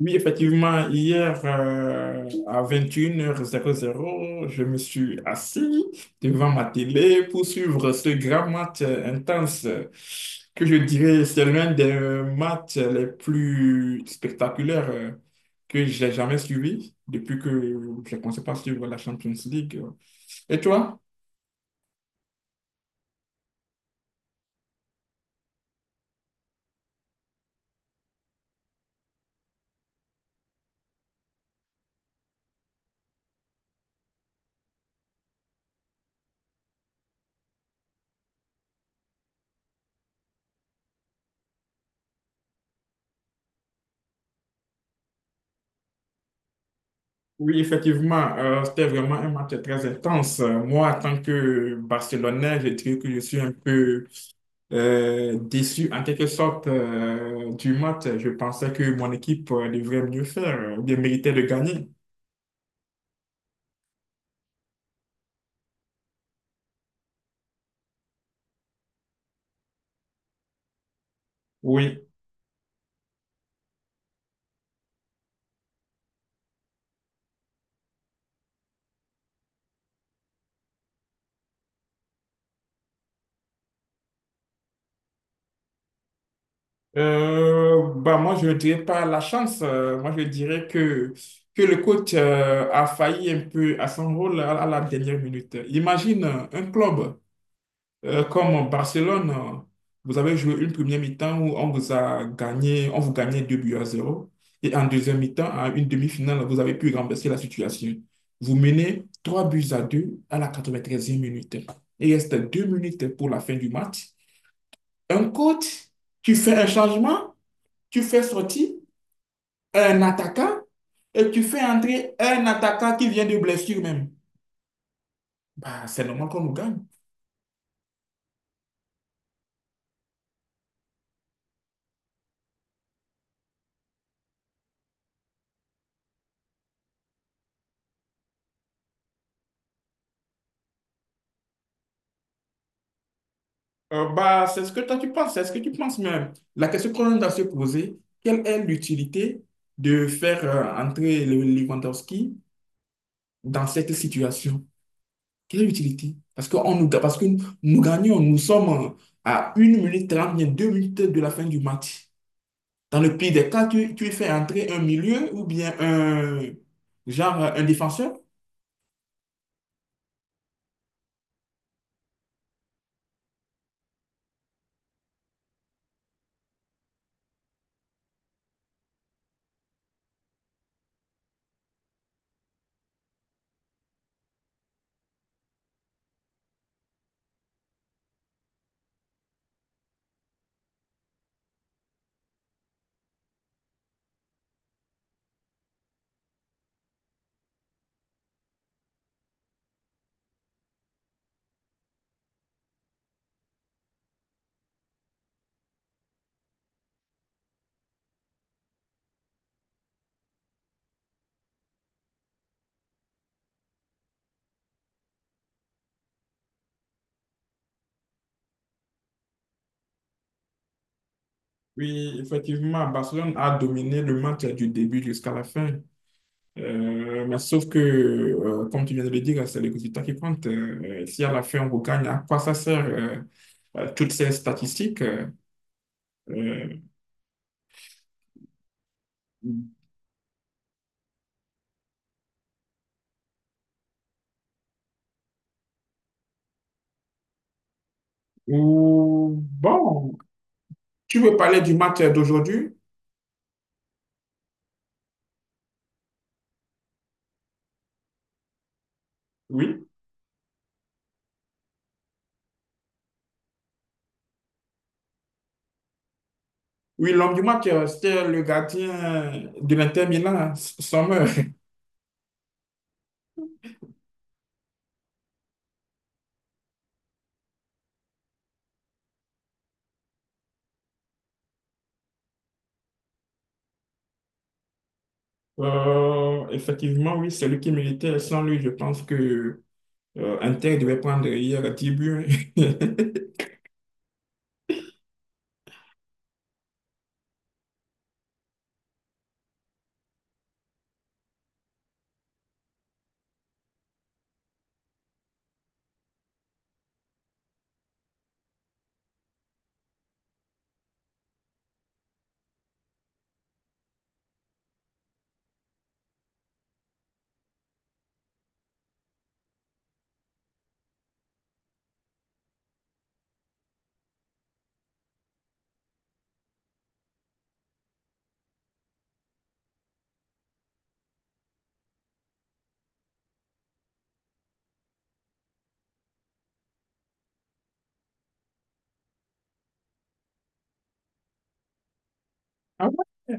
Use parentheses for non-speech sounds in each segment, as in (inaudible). Oui, effectivement, hier à 21h00 je me suis assis devant ma télé pour suivre ce grand match intense, que je dirais c'est l'un des matchs les plus spectaculaires que j'ai jamais suivi depuis que j'ai commencé par suivre la Champions League. Et toi? Oui, effectivement, c'était vraiment un match très intense. Moi, en tant que Barcelonais, je dirais que je suis un peu déçu en quelque sorte du match. Je pensais que mon équipe devrait mieux faire, ou bien méritait de gagner. Oui. Bah moi, je ne dirais pas la chance. Moi, je dirais que le coach a failli un peu à son rôle à la dernière minute. Imagine un club. Comme en Barcelone, vous avez joué une première mi-temps où on vous a gagné, on vous gagnait 2 buts à 0, et en deuxième mi-temps, à une demi-finale, vous avez pu renverser la situation. Vous menez 3 buts à 2 à la 93e minute. Il reste 2 minutes pour la fin du match. Un coach, tu fais un changement, tu fais sortir un attaquant et tu fais entrer un attaquant qui vient de blessure même. Bah, c'est normal qu'on nous gagne. Bah, c'est ce que toi tu penses, c'est ce que tu penses même. La question qu'on doit se poser, quelle est l'utilité de faire entrer le Lewandowski dans cette situation? Quelle est l'utilité? Parce que, parce que nous, nous gagnons, nous sommes à 1 minute 30 bien 2 minutes de la fin du match. Dans le pire des cas, tu fais entrer un milieu ou bien un genre un défenseur. Oui, effectivement, Barcelone a dominé le match du début jusqu'à la fin. Mais sauf que, comme tu viens de le dire, c'est le résultat qui compte. Si à la fin on regagne, à quoi ça sert toutes ces statistiques, euh, ou bon. Tu veux parler du match d'aujourd'hui? Oui. Oui, l'homme du match, c'était le gardien de l'Inter Milan, hein, Sommer. Effectivement, oui, c'est lui qui méritait. Sans lui, je pense que Inter devait prendre hier 10 buts. (laughs) Ah ouais?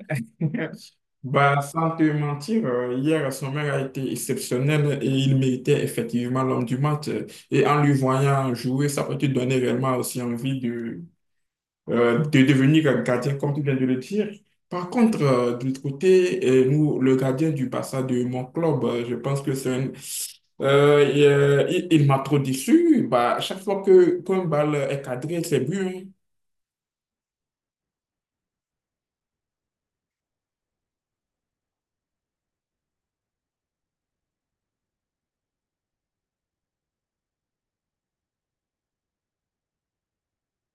Bah, sans te mentir, hier, Sommer a été exceptionnel et il méritait effectivement l'homme du match. Et en lui voyant jouer, ça peut te donner réellement aussi envie de devenir gardien, comme tu viens de le dire. Par contre, de l'autre côté, nous, le gardien du Barça de mon club, je pense que c'est il m'a trop déçu. Bah, chaque fois que qu'un balle est cadré, c'est but, hein.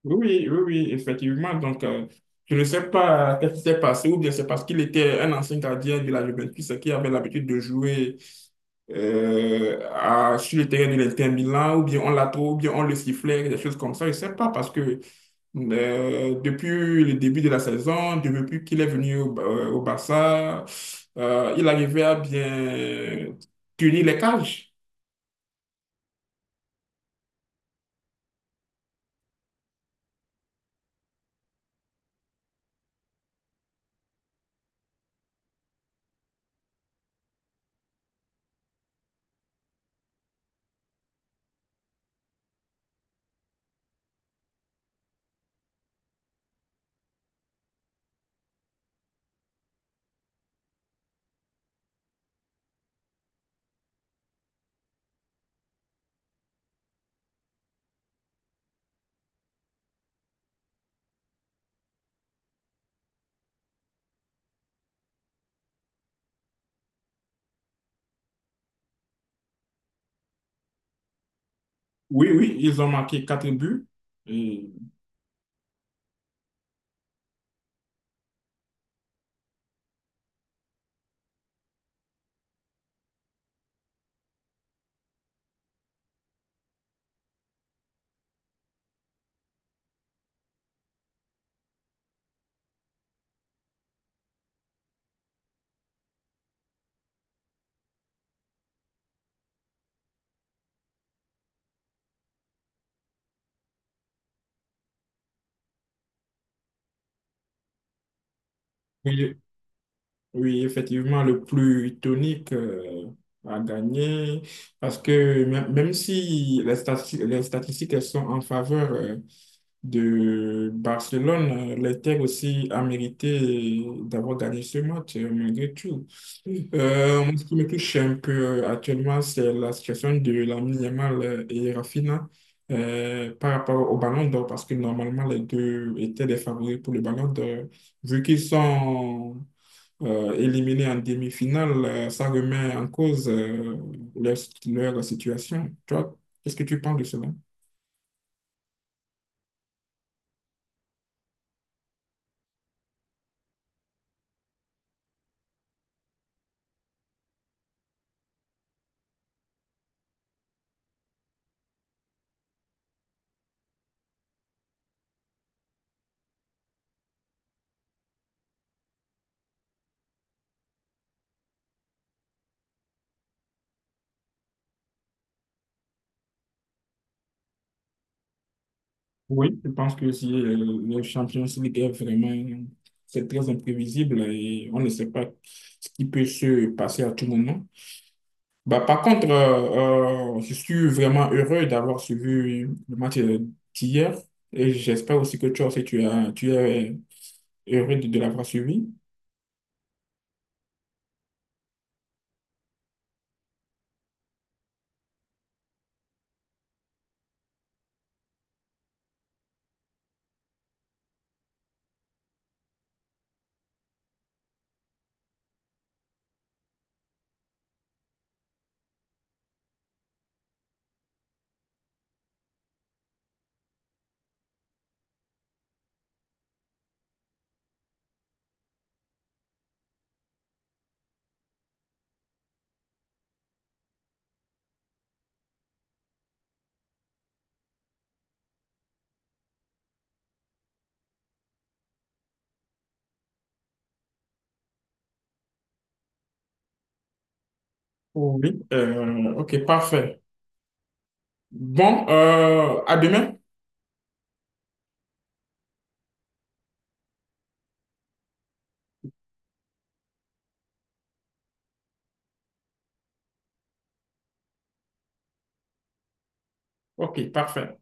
Oui, oui, oui, oui, effectivement. Donc, je ne sais pas qu'est-ce qui s'est passé, ou bien c'est parce qu'il était un ancien gardien de la Juventus qui avait l'habitude de jouer sur le terrain de l'Inter Milan, ou bien on l'a trop, ou bien on le sifflait, des choses comme ça. Je ne sais pas parce que depuis le début de la saison, depuis qu'il est venu au Barça, il arrivait à bien tenir les cages. Oui, oui, ils ont marqué 4 buts. Et- oui, oui, effectivement, le plus tonique a gagné parce que même, même si les statistiques elles sont en faveur de Barcelone. L'Inter aussi a mérité d'avoir gagné ce match, malgré tout. Moi, ce qui me touche un peu actuellement, c'est la situation de Lamine Yamal et Rafinha par rapport au Ballon d'Or, parce que normalement, les deux étaient des favoris pour le Ballon d'Or. Vu qu'ils sont éliminés en demi-finale, ça remet en cause leur, leur situation. Toi, qu'est-ce que tu penses de cela? Oui, je pense que si le Champions League est vraiment, c'est très imprévisible et on ne sait pas ce qui peut se passer à tout moment. Bah, par contre, je suis vraiment heureux d'avoir suivi le match d'hier et j'espère aussi que toi aussi tu es heureux de l'avoir suivi. Oui. Ok, parfait. Bon, à demain. Ok, parfait.